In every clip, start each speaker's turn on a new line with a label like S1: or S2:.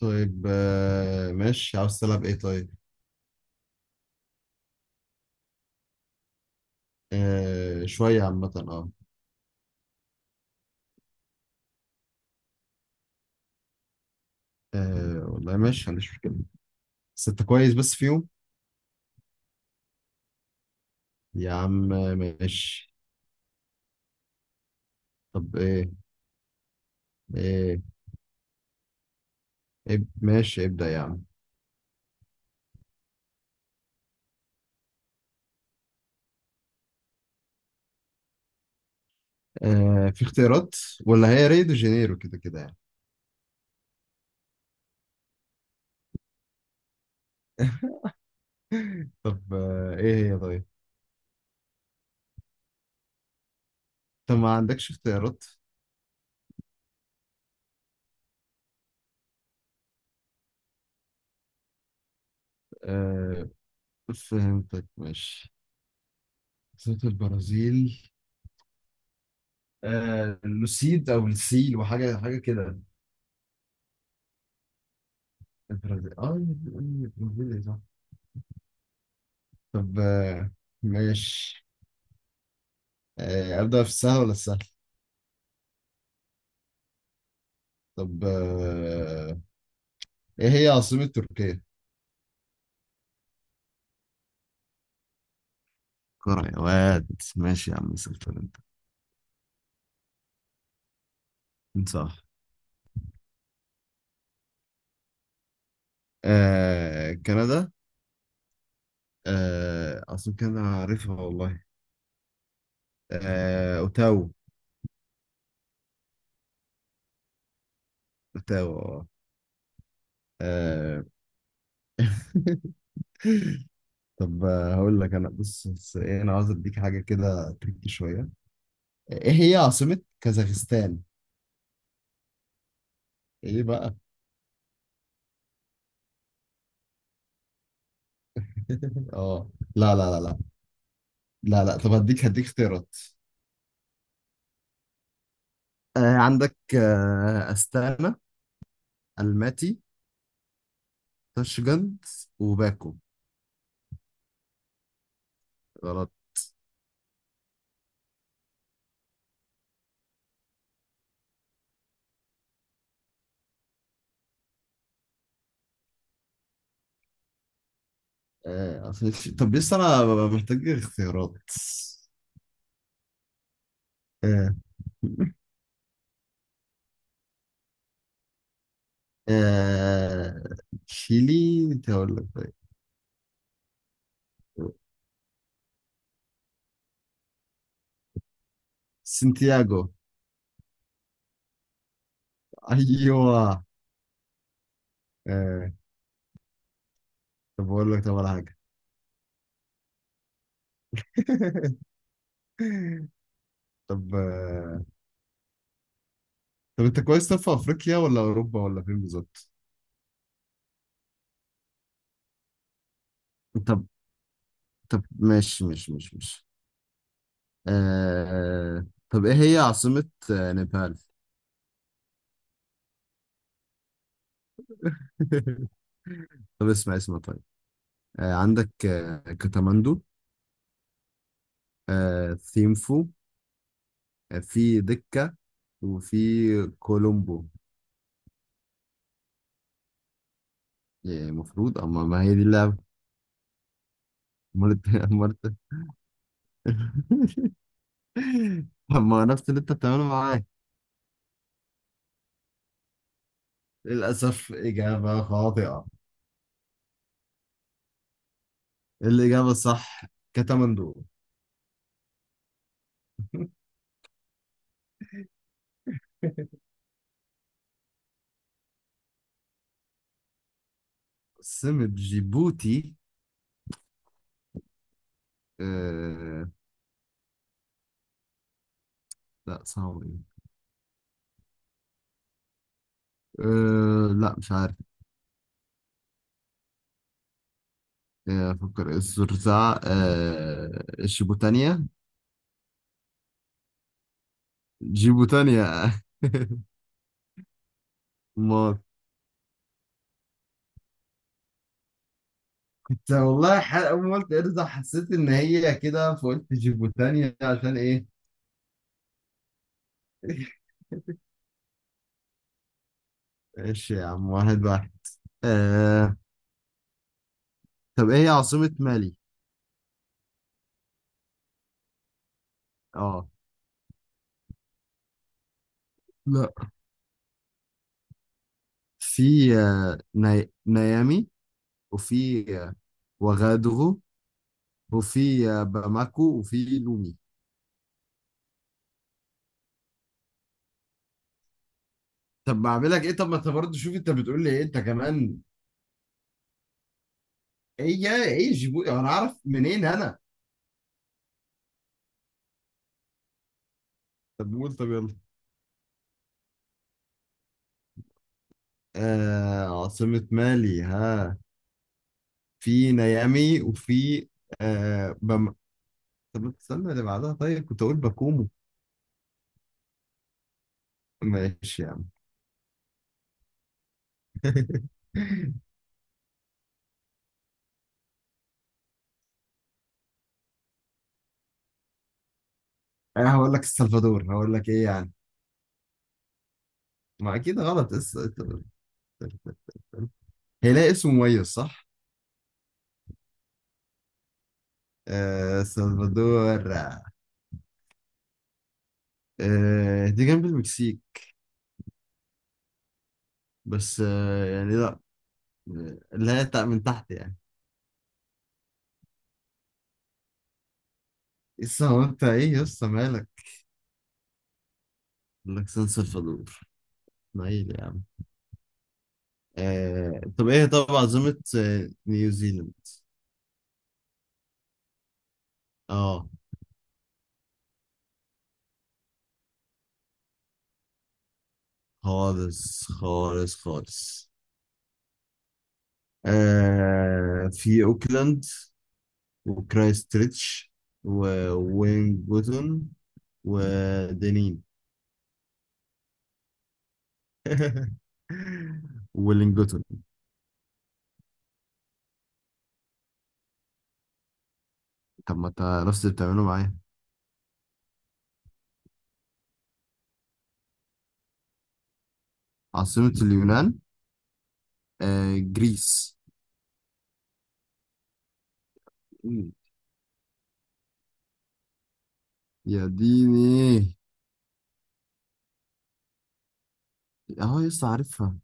S1: طيب ماشي، عاوز تلعب ايه طيب؟ آه، شوية عامة اه. آه، والله ماشي، ما عنديش مشكلة. بس انت كويس بس فيهم. يا عم آه، ماشي. طب ايه. ماشي، ابدأ يا عم. آه، في اختيارات ولا هي ريو دي جانيرو كده كده يعني؟ طب ايه هي طيب؟ انت ما عندكش اختيارات؟ آه، فهمتك ماشي. صوت البرازيل. آه، لوسيد او السيل وحاجة حاجة كده. البرازيل البرازيل. طب ماشي. أبدأ في السهل ولا السهل؟ طب إيه هي عاصمة تركيا؟ كرة يا واد. ماشي يا عم سلطان انت. انت صح. آه، كندا. آه، عاصمة كندا أنا عارفها والله. آه، أوتاوا. أوتاوا آه. آه، طب هقول لك، أنا بص بص، إيه؟ أنا عاوز أديك حاجة كده تركي شوية. إيه هي عاصمة كازاخستان؟ إيه بقى؟ آه. لا لا لا لا. لا لا، طب هديك هديك اختيارات. آه، عندك أستانا، الماتي، تاشجند، وباكو. غلط. طب لسه أنا محتاج اختيارات. آه. آه، تشيلي. أنت أقول لك طيب. سانتياغو. أيوه. آه. طب أقول لك طب على حاجة. طب طب أنت كويس، طب في أفريقيا ولا أوروبا ولا فين بالظبط؟ طب. طب ماشي ماشي ماشي ماشي. آه، طب إيه هي عاصمة نيبال؟ طب اسمع اسمع طيب. آه، عندك كاتماندو، ثيمفو، في دكة، وفي كولومبو. يعني المفروض، اما ما هي دي اللعبة. امال إنت- امال إنت- طب ما عرفت اللي انت بتعمله معاك. للأسف إجابة خاطئة. الإجابة الصح كاتماندو. سمة جيبوتي. آه... لا، صعب إيه. لا، مش عارف. أفكر الزرزعة، الشبوتانية. جيبوا تاني يا. ما كنت والله أول ما قلت إرزا حسيت إن هي كده فقلت جيبوتانيا عشان إيه. ماشي يا عم، واحد واحد. آه. طب إيه هي عاصمة مالي؟ آه لا، في نيامي، وفي وغادغو، وفي باماكو، وفي لومي. طب ما اعملك ايه، طب ما انت برضه شوف، انت بتقول لي ايه انت كمان. ايه، جيبوتي انا اعرف منين انا. طب قول طب يلا. عاصمة مالي، ها؟ في نيامي آه بم... طب استنى اللي بعدها، طيب كنت أقول باكومو. ماشي يا عم. أنا هقول لك السلفادور، هقول لك إيه يعني. ما أكيد غلط هيلاقي اسم مميز، صح؟ آه، سلفادور. دي جنب المكسيك، بس يعني لا. لا، من تحت يعني. لسه هو، انت ايه يا اسطى مالك؟ يقول لك سان سلفادور. نايل يا عم. طب ايه؟ طب عاصمة نيوزيلاند. اه. خالص خالص خالص. في اوكلاند، وكرايست تريتش، ووينجوتون، ودنين. ولينجوتون. طب ما انت نفس اللي بتعمله معايا. عاصمة اليونان. آه، جريس. مم. يا ديني. اهو لسه عارفها.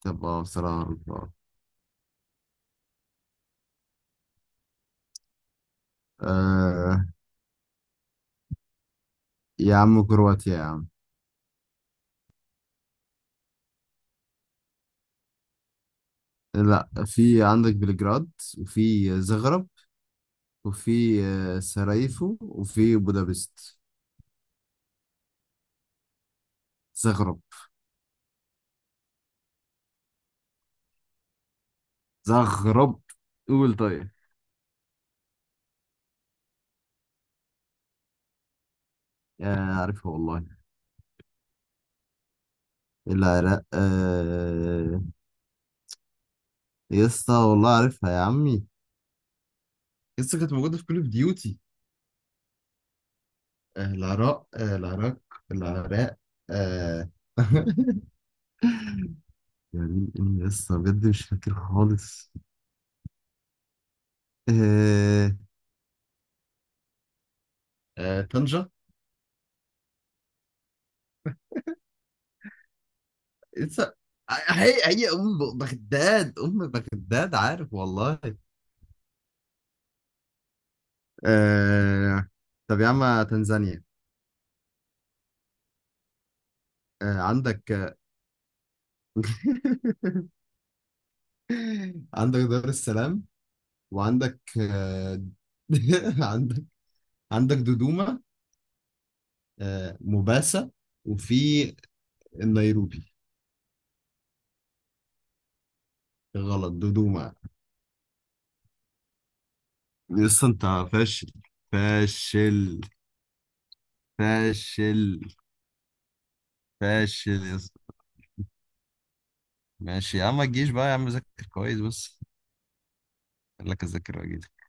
S1: طب بصراحة. آه، يا عم كرواتيا يا عم. لا، في عندك بلجراد، وفي زغرب، وفي سراييفو، وفي بودابست. زغرب. زغرب. قول طيب. آه، عارفها والله. العراق يا اسطى والله عارفها يا عمي. لسه كانت موجودة في كل اوف ديوتي. العراق العراق. العراق. آه. يعني إني لسه بجد مش فاكر خالص. آه. طنجة. لسه- هي هي ام بغداد ام بغداد عارف والله. آه... طب يا عم، تنزانيا. عندك آه، عندك دار السلام، وعندك آه... عندك عندك دودوما، موباسا، وفي النيروبي. غلط، دودوما. لسه انت. فاشل فاشل فاشل. فاشل يا اسطى. ماشي يا عم، ما تجيش بقى يا عم، ذاكر كويس بس. قال لك اذاكر واجي.